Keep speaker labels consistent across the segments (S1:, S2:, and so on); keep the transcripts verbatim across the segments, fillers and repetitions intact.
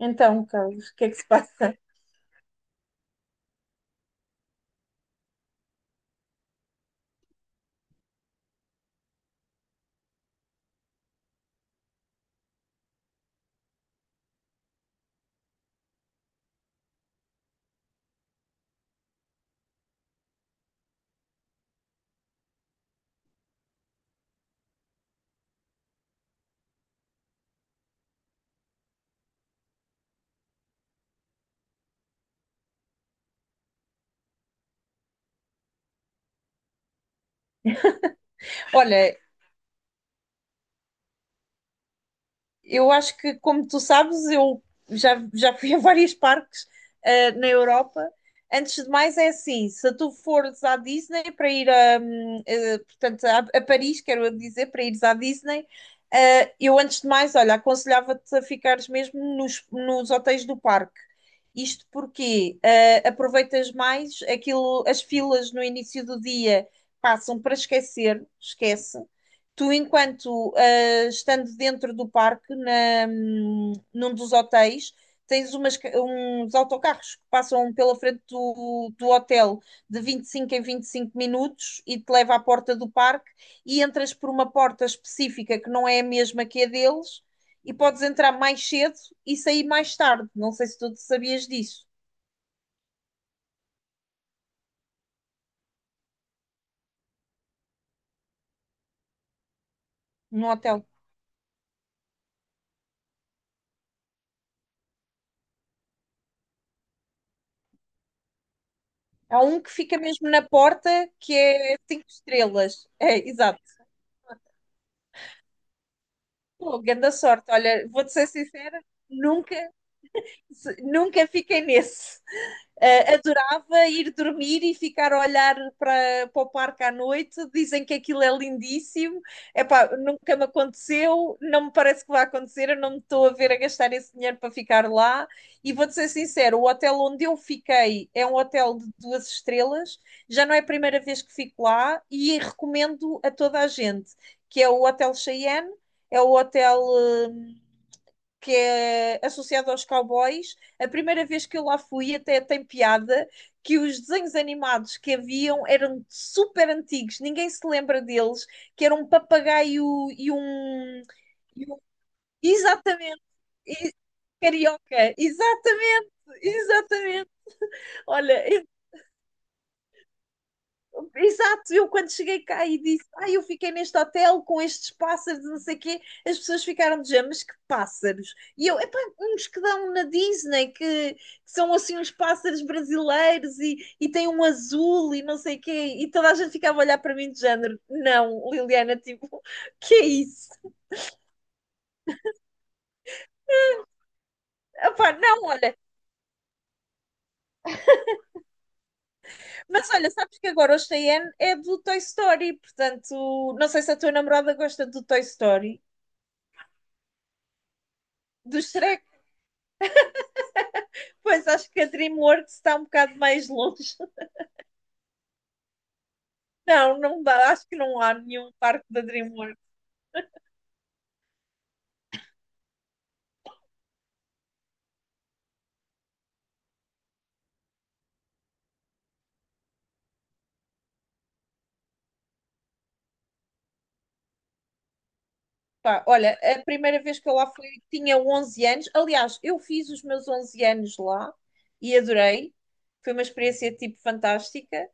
S1: Então, Carlos, o que é que se passa? Olha, eu acho que, como tu sabes, eu já, já fui a vários parques, eh, na Europa. Antes de mais, é assim: se tu fores à Disney para ir a, hum, eh, portanto, a, a Paris, quero dizer, para ires à Disney, eh, eu antes de mais, olha, aconselhava-te a ficares mesmo nos, nos hotéis do parque. Isto porque eh, aproveitas mais aquilo, as filas no início do dia passam para esquecer, esquece. Tu, enquanto ah, estando dentro do parque, na, num dos hotéis, tens umas ca- uns autocarros que passam pela frente do, do hotel de vinte e cinco em vinte e cinco minutos e te leva à porta do parque e entras por uma porta específica que não é a mesma que a deles e podes entrar mais cedo e sair mais tarde. Não sei se tu sabias disso no hotel. Há um que fica mesmo na porta que é cinco estrelas. É, exato. Pô, grande sorte. Olha, vou-te ser sincera, nunca nunca fiquei nesse. Uh, adorava ir dormir e ficar a olhar para, para o parque à noite. Dizem que aquilo é lindíssimo. Epá, nunca me aconteceu, não me parece que vai acontecer. Eu não me estou a ver a gastar esse dinheiro para ficar lá. E vou-te ser sincero: o hotel onde eu fiquei é um hotel de duas estrelas. Já não é a primeira vez que fico lá e recomendo a toda a gente, que é o Hotel Cheyenne. É o hotel, Hum, que é associado aos cowboys. A primeira vez que eu lá fui, até tem piada, que os desenhos animados que haviam eram super antigos, ninguém se lembra deles, que era um papagaio e um. e um- Exatamente, e- Carioca, exatamente, exatamente. Olha, exato, eu quando cheguei cá e disse, ah, eu fiquei neste hotel com estes pássaros, não sei o quê, as pessoas ficaram de género, mas que pássaros? E eu, epá, uns que dão na Disney, que, que são assim uns pássaros brasileiros e, e têm um azul e não sei o quê, e toda a gente ficava a olhar para mim de género, não, Liliana, tipo, que é isso? Epá, não, olha, mas olha, sabes que agora o Cheyenne é do Toy Story, portanto, não sei se a tua namorada gosta do Toy Story, do Shrek. Pois acho que a DreamWorks está um bocado mais longe. Não, não dá, acho que não há nenhum parque da DreamWorks. Pá, olha, a primeira vez que eu lá fui tinha onze anos. Aliás, eu fiz os meus onze anos lá e adorei. Foi uma experiência tipo fantástica.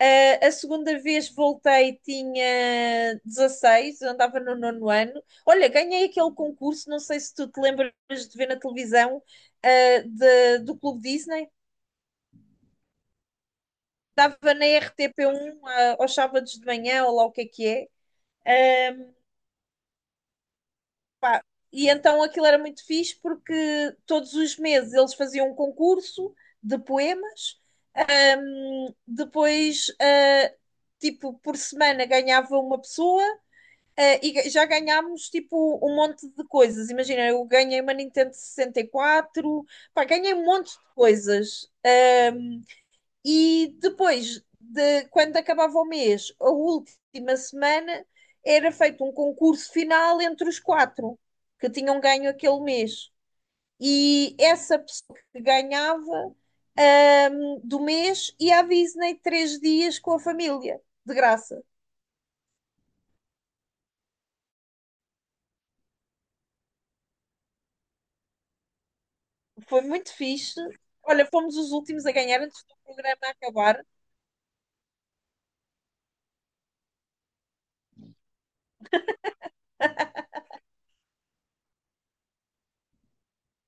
S1: Ah, a segunda vez voltei tinha dezesseis, eu andava no nono ano. Olha, ganhei aquele concurso, não sei se tu te lembras de ver na televisão, ah, de- do Clube Disney. Dava na R T P um, ah, aos sábados de manhã, ou lá o que é que é. Ahm, Pá, e então aquilo era muito fixe porque todos os meses eles faziam um concurso de poemas, ahm, depois, ah, tipo, por semana ganhava uma pessoa. Ah, e ga- já ganhámos tipo um monte de coisas. Imagina, eu ganhei uma Nintendo sessenta e quatro, pá, ganhei um monte de coisas. E depois, de, quando acabava o mês, a última semana, era feito um concurso final entre os quatro que tinham ganho aquele mês. E essa pessoa que ganhava um, do mês ia à Disney três dias com a família, de graça. Foi muito fixe. Olha, fomos os últimos a ganhar antes do programa acabar.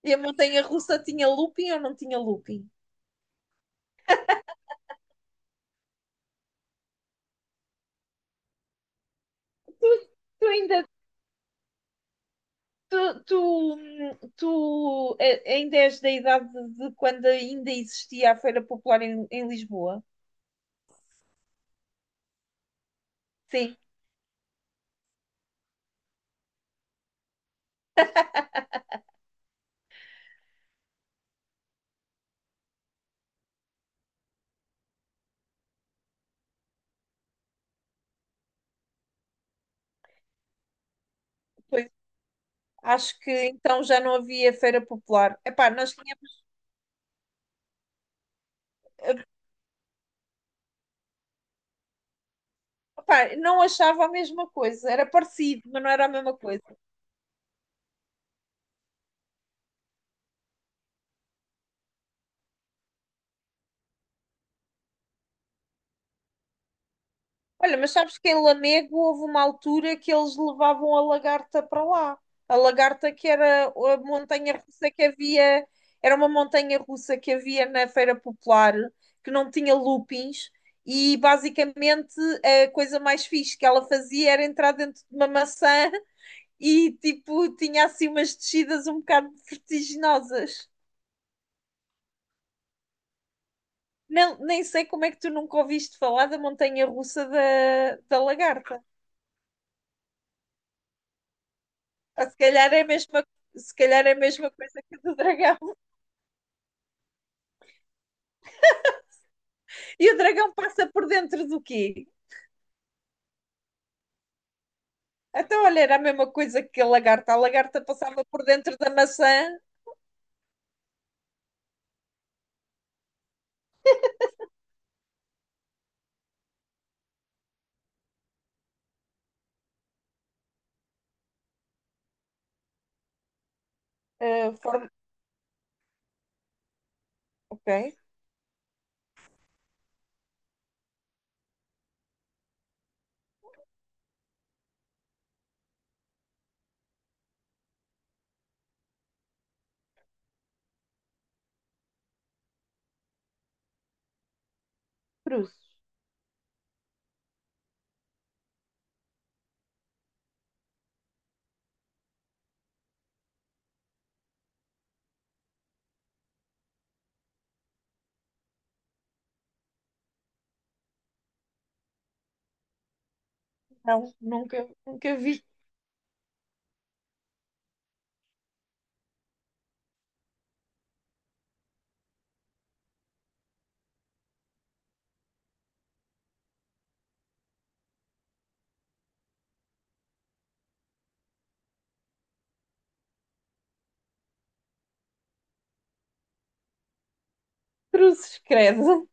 S1: E a montanha russa tinha looping ou não tinha looping? Tu tu ainda Tu, tu, tu eh, ainda és da idade de quando ainda existia a Feira Popular em, em Lisboa? Sim, pois acho que então já não havia Feira Popular. Epá, nós tínhamos, epá, não achava a mesma coisa, era parecido, mas não era a mesma coisa. Olha, mas sabes que em Lamego houve uma altura que eles levavam a lagarta para lá. A lagarta que era a montanha russa que havia, era uma montanha russa que havia na Feira Popular, que não tinha loopings, e basicamente a coisa mais fixe que ela fazia era entrar dentro de uma maçã e tipo tinha assim umas descidas um bocado vertiginosas. Não, nem sei como é que tu nunca ouviste falar da montanha russa da, da lagarta. Ou se calhar é a mesma, Se calhar é a mesma coisa que o do dragão. E o dragão passa por dentro do quê? Então, olha, era a mesma coisa que a lagarta. A lagarta passava por dentro da maçã. eh, forma- Ok. Cruzes. Não, nunca, nunca vi cruzes, credo.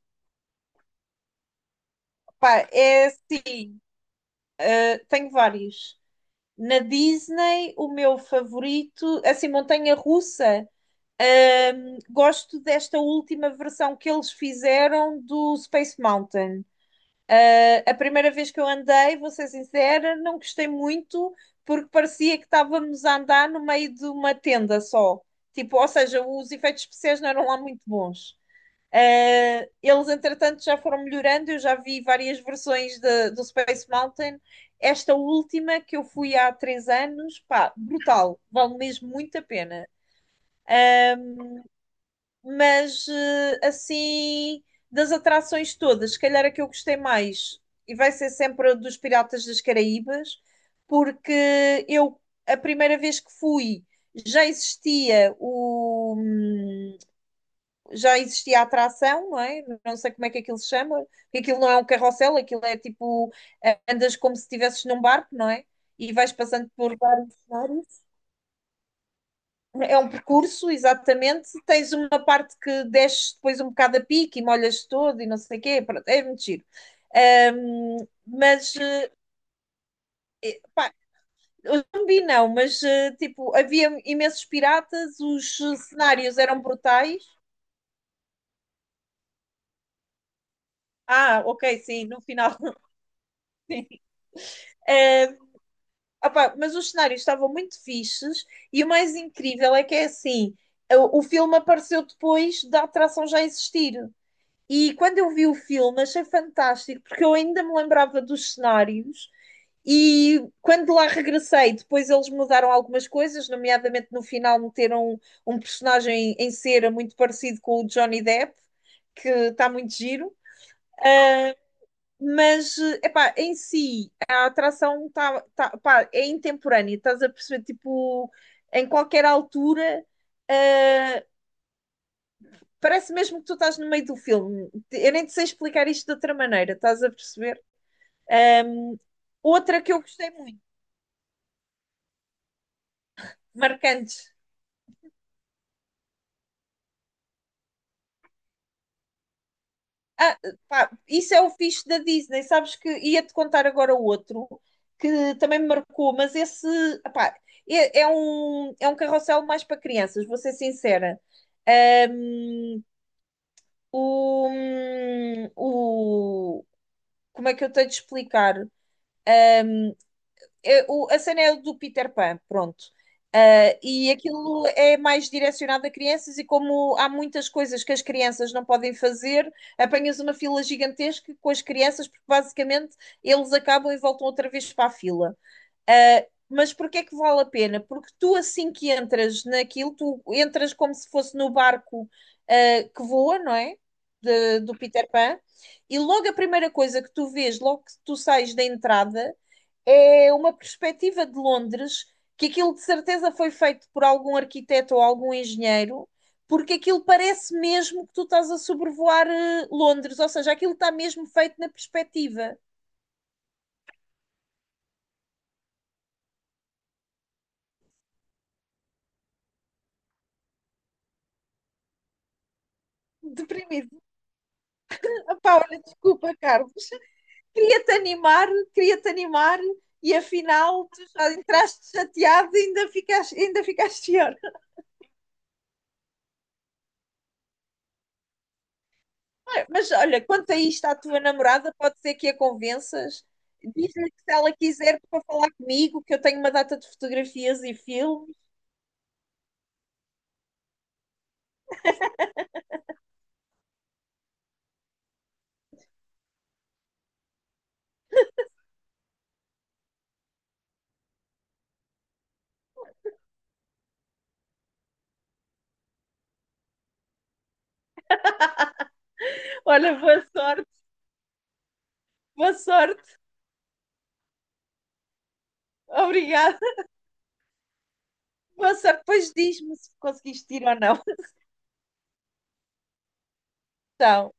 S1: Pá, é assim. Eh, tenho vários. Na Disney, o meu favorito, assim, montanha-russa. Ehm, gosto desta última versão que eles fizeram do Space Mountain. A primeira vez que eu andei, vou ser sincera, não gostei muito porque parecia que estávamos a andar no meio de uma tenda só. Tipo, ou seja, os efeitos especiais não eram lá muito bons. Eh, eles, entretanto, já foram melhorando. Eu já vi várias versões de- do Space Mountain. Esta última que eu fui há três anos, pá, brutal. Vale mesmo muito a pena. Ah, mas eh, assim, das atrações todas, se calhar a que eu gostei mais, e vai ser sempre a dos Piratas das Caraíbas, porque eu, a primeira vez que fui, já existia o, hum, já existia a atração, não é? Não sei como é que aquilo se chama, porque aquilo não é um carrossel, aquilo é tipo, eh, andas como se estivesses num barco, não é? E vais passando por vários cenários. É um percurso, exatamente. Tens uma parte que desces depois um bocado a pique e molhas todo e não sei o quê. Pronto, é muito giro. Ahm, mas, eh, pá, eu não vi não, mas eh, tipo, havia imensos piratas, os eh, cenários eram brutais. Ah, ok, sim, no final. Eh, Opá, mas os cenários estavam muito fixes e o mais incrível é que é assim, o o filme apareceu depois da atração já existir. E quando eu vi o filme, achei fantástico, porque eu ainda me lembrava dos cenários. E quando lá regressei, depois eles mudaram algumas coisas, nomeadamente no final meteram um, um personagem em cera muito parecido com o Johnny Depp, que está muito giro. Mas, epá, em si, a atração tá, tá, pá, é intemporânea, estás a perceber? Tipo, em qualquer altura, uh, parece mesmo que tu estás no meio do filme. Eu nem te sei explicar isto de outra maneira, estás a perceber? Um, Outra que eu gostei muito, marcante. Ah, Pá, isso é o fixe da Disney, sabes que ia-te contar agora outro que também me marcou, mas esse pá, é, é, um, é um carrossel mais para crianças, vou ser sincera. Um, o, o, Como é que eu tenho de explicar? Eh, o- a cena é do Peter Pan, pronto. Ah, e aquilo é mais direcionado a crianças, e como há muitas coisas que as crianças não podem fazer, apanhas uma fila gigantesca com as crianças, porque basicamente eles acabam e voltam outra vez para a fila. Ah, mas porque é que vale a pena? Porque tu, assim que entras naquilo, tu entras como se fosse no barco, ah, que voa, não é? De- do Peter Pan, e logo a primeira coisa que tu vês, logo que tu sais da entrada, é uma perspectiva de Londres que aquilo de certeza foi feito por algum arquiteto ou algum engenheiro, porque aquilo parece mesmo que tu estás a sobrevoar eh, Londres, ou seja, aquilo está mesmo feito na perspectiva. Deprimido. Epá, olha, desculpa, Carlos. Queria-te animar, queria-te animar, e afinal tu já entraste chateado e ainda ficaste, ainda ficaste pior. Mas olha, quanto a isto à tua namorada, pode ser que a convenças. Diz-lhe que se ela quiser para falar comigo, que eu tenho uma data de fotografias e filmes. Olha, boa sorte, boa sorte. Obrigada. Boa sorte. Depois diz-me se conseguiste ir ou não. Então.